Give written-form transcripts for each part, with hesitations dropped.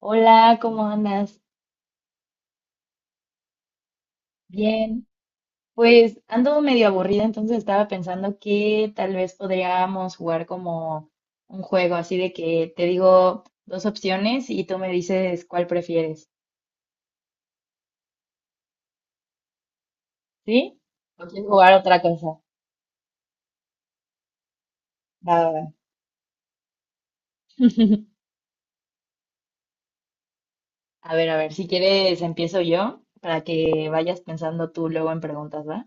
Hola, ¿cómo andas? Bien. Pues ando medio aburrida, entonces estaba pensando que tal vez podríamos jugar como un juego, así de que te digo dos opciones y tú me dices cuál prefieres, ¿sí? ¿O quieres jugar otra cosa? Va, va, va. A ver, si quieres empiezo yo para que vayas pensando tú luego en preguntas, ¿va?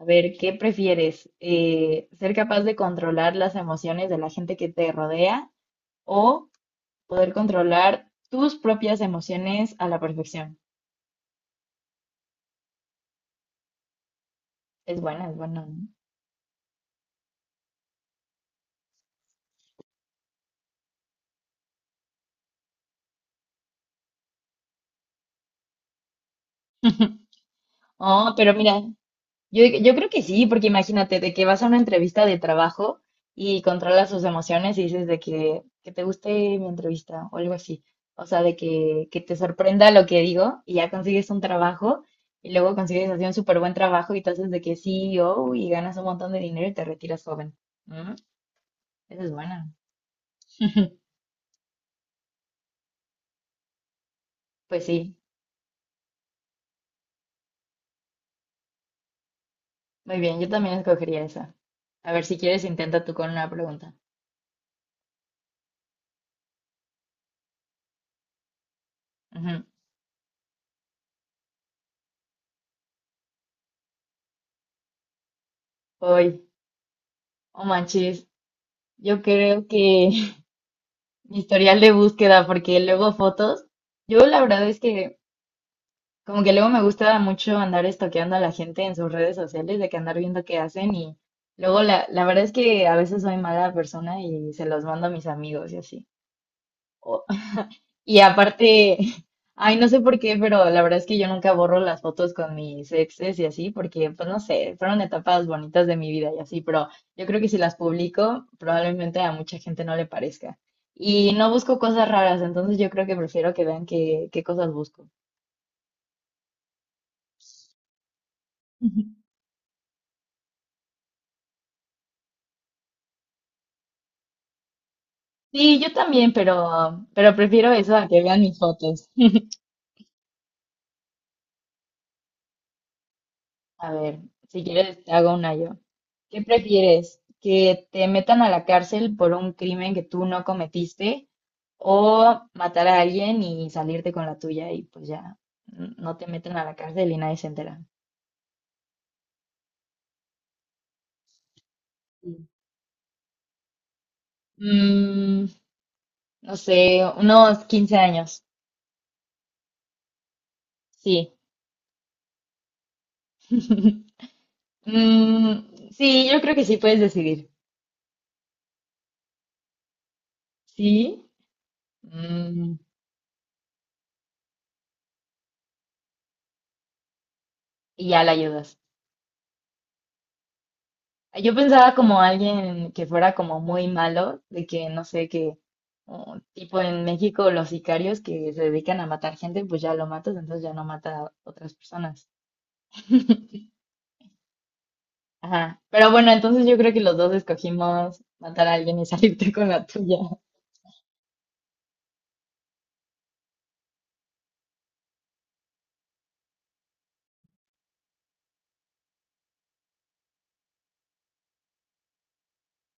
A ver, ¿qué prefieres? ¿Ser capaz de controlar las emociones de la gente que te rodea o poder controlar tus propias emociones a la perfección? Es buena, ¿no? Oh, pero mira, yo creo que sí, porque imagínate de que vas a una entrevista de trabajo y controlas tus emociones y dices de que te guste mi entrevista o algo así. O sea, de que te sorprenda lo que digo y ya consigues un trabajo y luego consigues así un súper buen trabajo y te haces de que CEO y ganas un montón de dinero y te retiras joven. Mm, Esa es buena. Pues sí. Muy bien, yo también escogería esa. A ver, si quieres, intenta tú con una pregunta. Ujú. Hoy, oh manches, yo creo que mi historial de búsqueda, porque luego fotos, yo la verdad es que como que luego me gusta mucho andar estoqueando a la gente en sus redes sociales, de que andar viendo qué hacen y luego la verdad es que a veces soy mala persona y se los mando a mis amigos y así. Y aparte, ay, no sé por qué, pero la verdad es que yo nunca borro las fotos con mis exes y así, porque, pues no sé, fueron etapas bonitas de mi vida y así, pero yo creo que si las publico, probablemente a mucha gente no le parezca. Y no busco cosas raras, entonces yo creo que prefiero que vean qué, qué cosas busco. Sí, yo también, pero prefiero eso a que vean mis fotos. A ver, si quieres, te hago una yo. ¿Qué prefieres? ¿Que te metan a la cárcel por un crimen que tú no cometiste o matar a alguien y salirte con la tuya y pues ya no te meten a la cárcel y nadie se entera? Sí. Mm, no sé, unos 15 años. Sí. Mm, sí, yo creo que sí puedes decidir. Sí. Mm, y ya la ayudas. Yo pensaba como alguien que fuera como muy malo, de que no sé, que tipo en México los sicarios que se dedican a matar gente, pues ya lo matas, entonces ya no mata a otras personas. Ajá. Pero bueno, entonces yo creo que los dos escogimos matar a alguien y salirte con la tuya.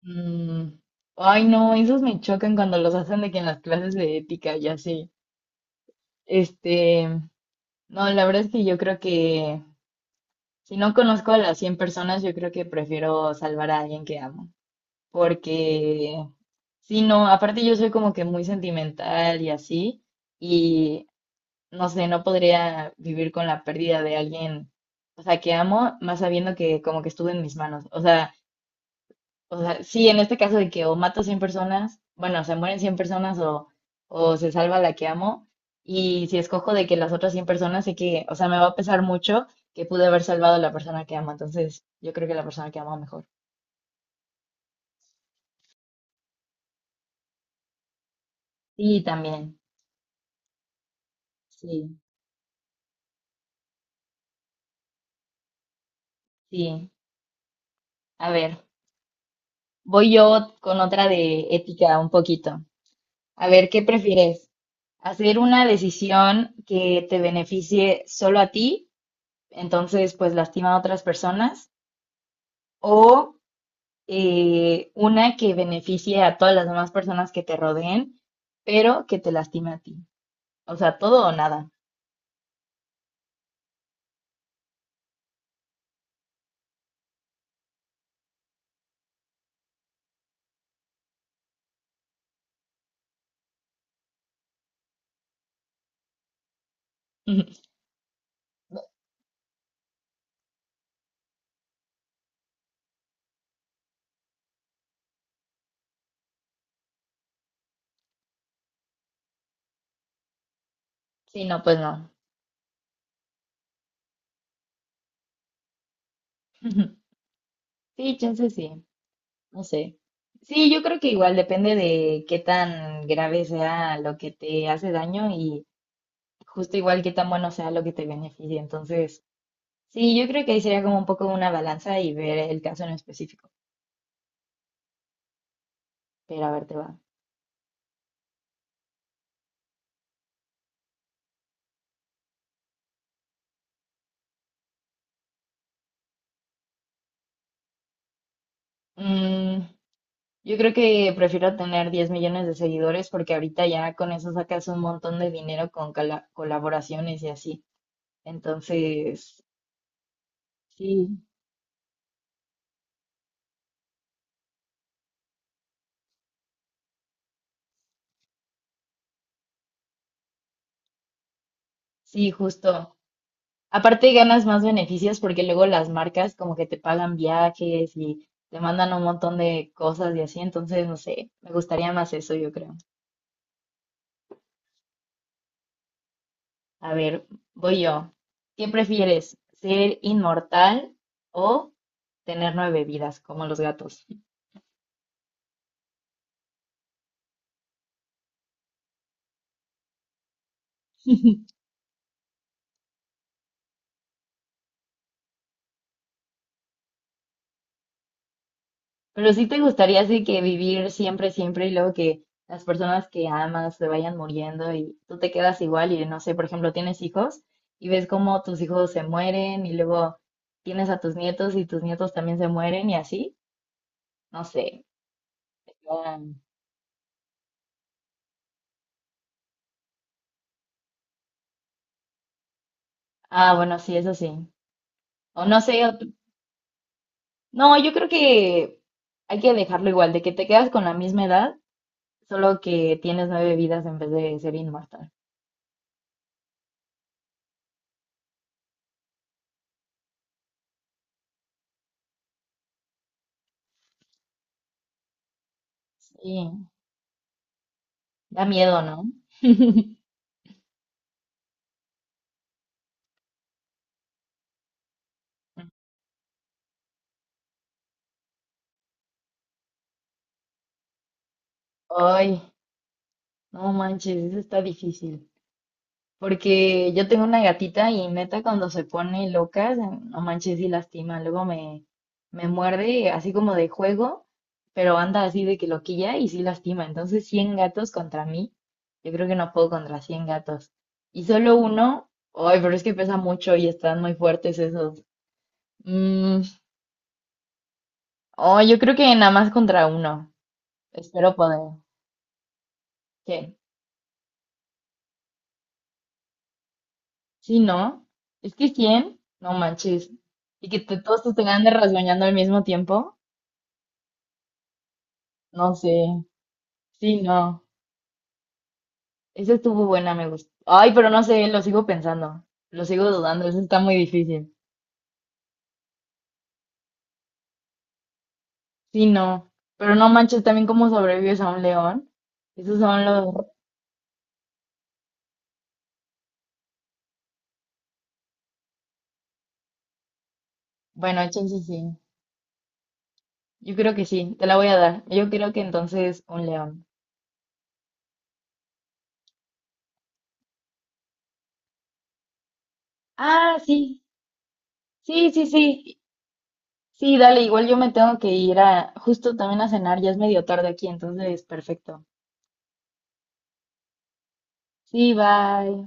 Mm, ay, no, esos me chocan cuando los hacen de que en las clases de ética y así. Este, no, la verdad es que yo creo que si no conozco a las 100 personas, yo creo que prefiero salvar a alguien que amo, porque si no, aparte yo soy como que muy sentimental y así, y no sé, no podría vivir con la pérdida de alguien, o sea, que amo, más sabiendo que como que estuvo en mis manos. O sea, sí, en este caso de que o mato 100 personas, bueno, se mueren 100 personas o se salva la que amo, y si escojo de que las otras 100 personas, sé que, o sea, me va a pesar mucho que pude haber salvado a la persona que amo, entonces yo creo que la persona que amo mejor. Sí, también, sí, sí. A ver. Voy yo con otra de ética un poquito. A ver, ¿qué prefieres? ¿Hacer una decisión que te beneficie solo a ti, entonces pues lastima a otras personas? ¿O una que beneficie a todas las demás personas que te rodeen, pero que te lastime a ti? O sea, todo o nada. Sí, no, pues no. Sí, chance sí, no sé. Sí, yo creo que igual depende de qué tan grave sea lo que te hace daño y justo igual qué tan bueno sea lo que te beneficie. Entonces, sí, yo creo que ahí sería como un poco una balanza y ver el caso en específico. Pero a ver, te va. Mm, yo creo que prefiero tener 10 millones de seguidores porque ahorita ya con eso sacas un montón de dinero con colaboraciones y así. Entonces, sí, sí, justo. Aparte ganas más beneficios porque luego las marcas como que te pagan viajes y te mandan un montón de cosas y así. Entonces, no sé, me gustaría más eso, yo creo. A ver, voy yo. ¿Qué prefieres? ¿Ser inmortal o tener nueve vidas, como los gatos? Pero sí te gustaría así que vivir siempre, siempre y luego que las personas que amas se vayan muriendo y tú te quedas igual y no sé, por ejemplo, tienes hijos y ves cómo tus hijos se mueren y luego tienes a tus nietos y tus nietos también se mueren y así. No sé. Ah, ah, bueno, sí, eso sí. O no sé, no, yo creo que hay que dejarlo igual, de que te quedas con la misma edad. Solo que tienes nueve vidas en vez de ser inmortal. Sí, da miedo, ¿no? Ay, no manches, eso está difícil. Porque yo tengo una gatita y neta cuando se pone loca, no manches y lastima. Luego me muerde así como de juego, pero anda así de que loquilla y sí lastima. Entonces 100 gatos contra mí, yo creo que no puedo contra 100 gatos. Y solo uno, ay, pero es que pesa mucho y están muy fuertes esos. Mm, oh, yo creo que nada más contra uno. Espero poder. Que, sí, ¿no? Es que 100, no manches. Y que todos te tengan de rasguñando al mismo tiempo, no sé. Sí, no. Esa estuvo buena, me gustó. Ay, pero no sé, lo sigo pensando. Lo sigo dudando, eso está muy difícil. Sí, no. Pero no manches, también cómo sobrevives a un león. Esos son los... Bueno, chance sí. Yo creo que sí, te la voy a dar. Yo creo que entonces un león. Ah, sí. Sí, sí, sí. Sí, dale, igual yo me tengo que ir a justo también a cenar, ya es medio tarde aquí, entonces perfecto. Sí, bye.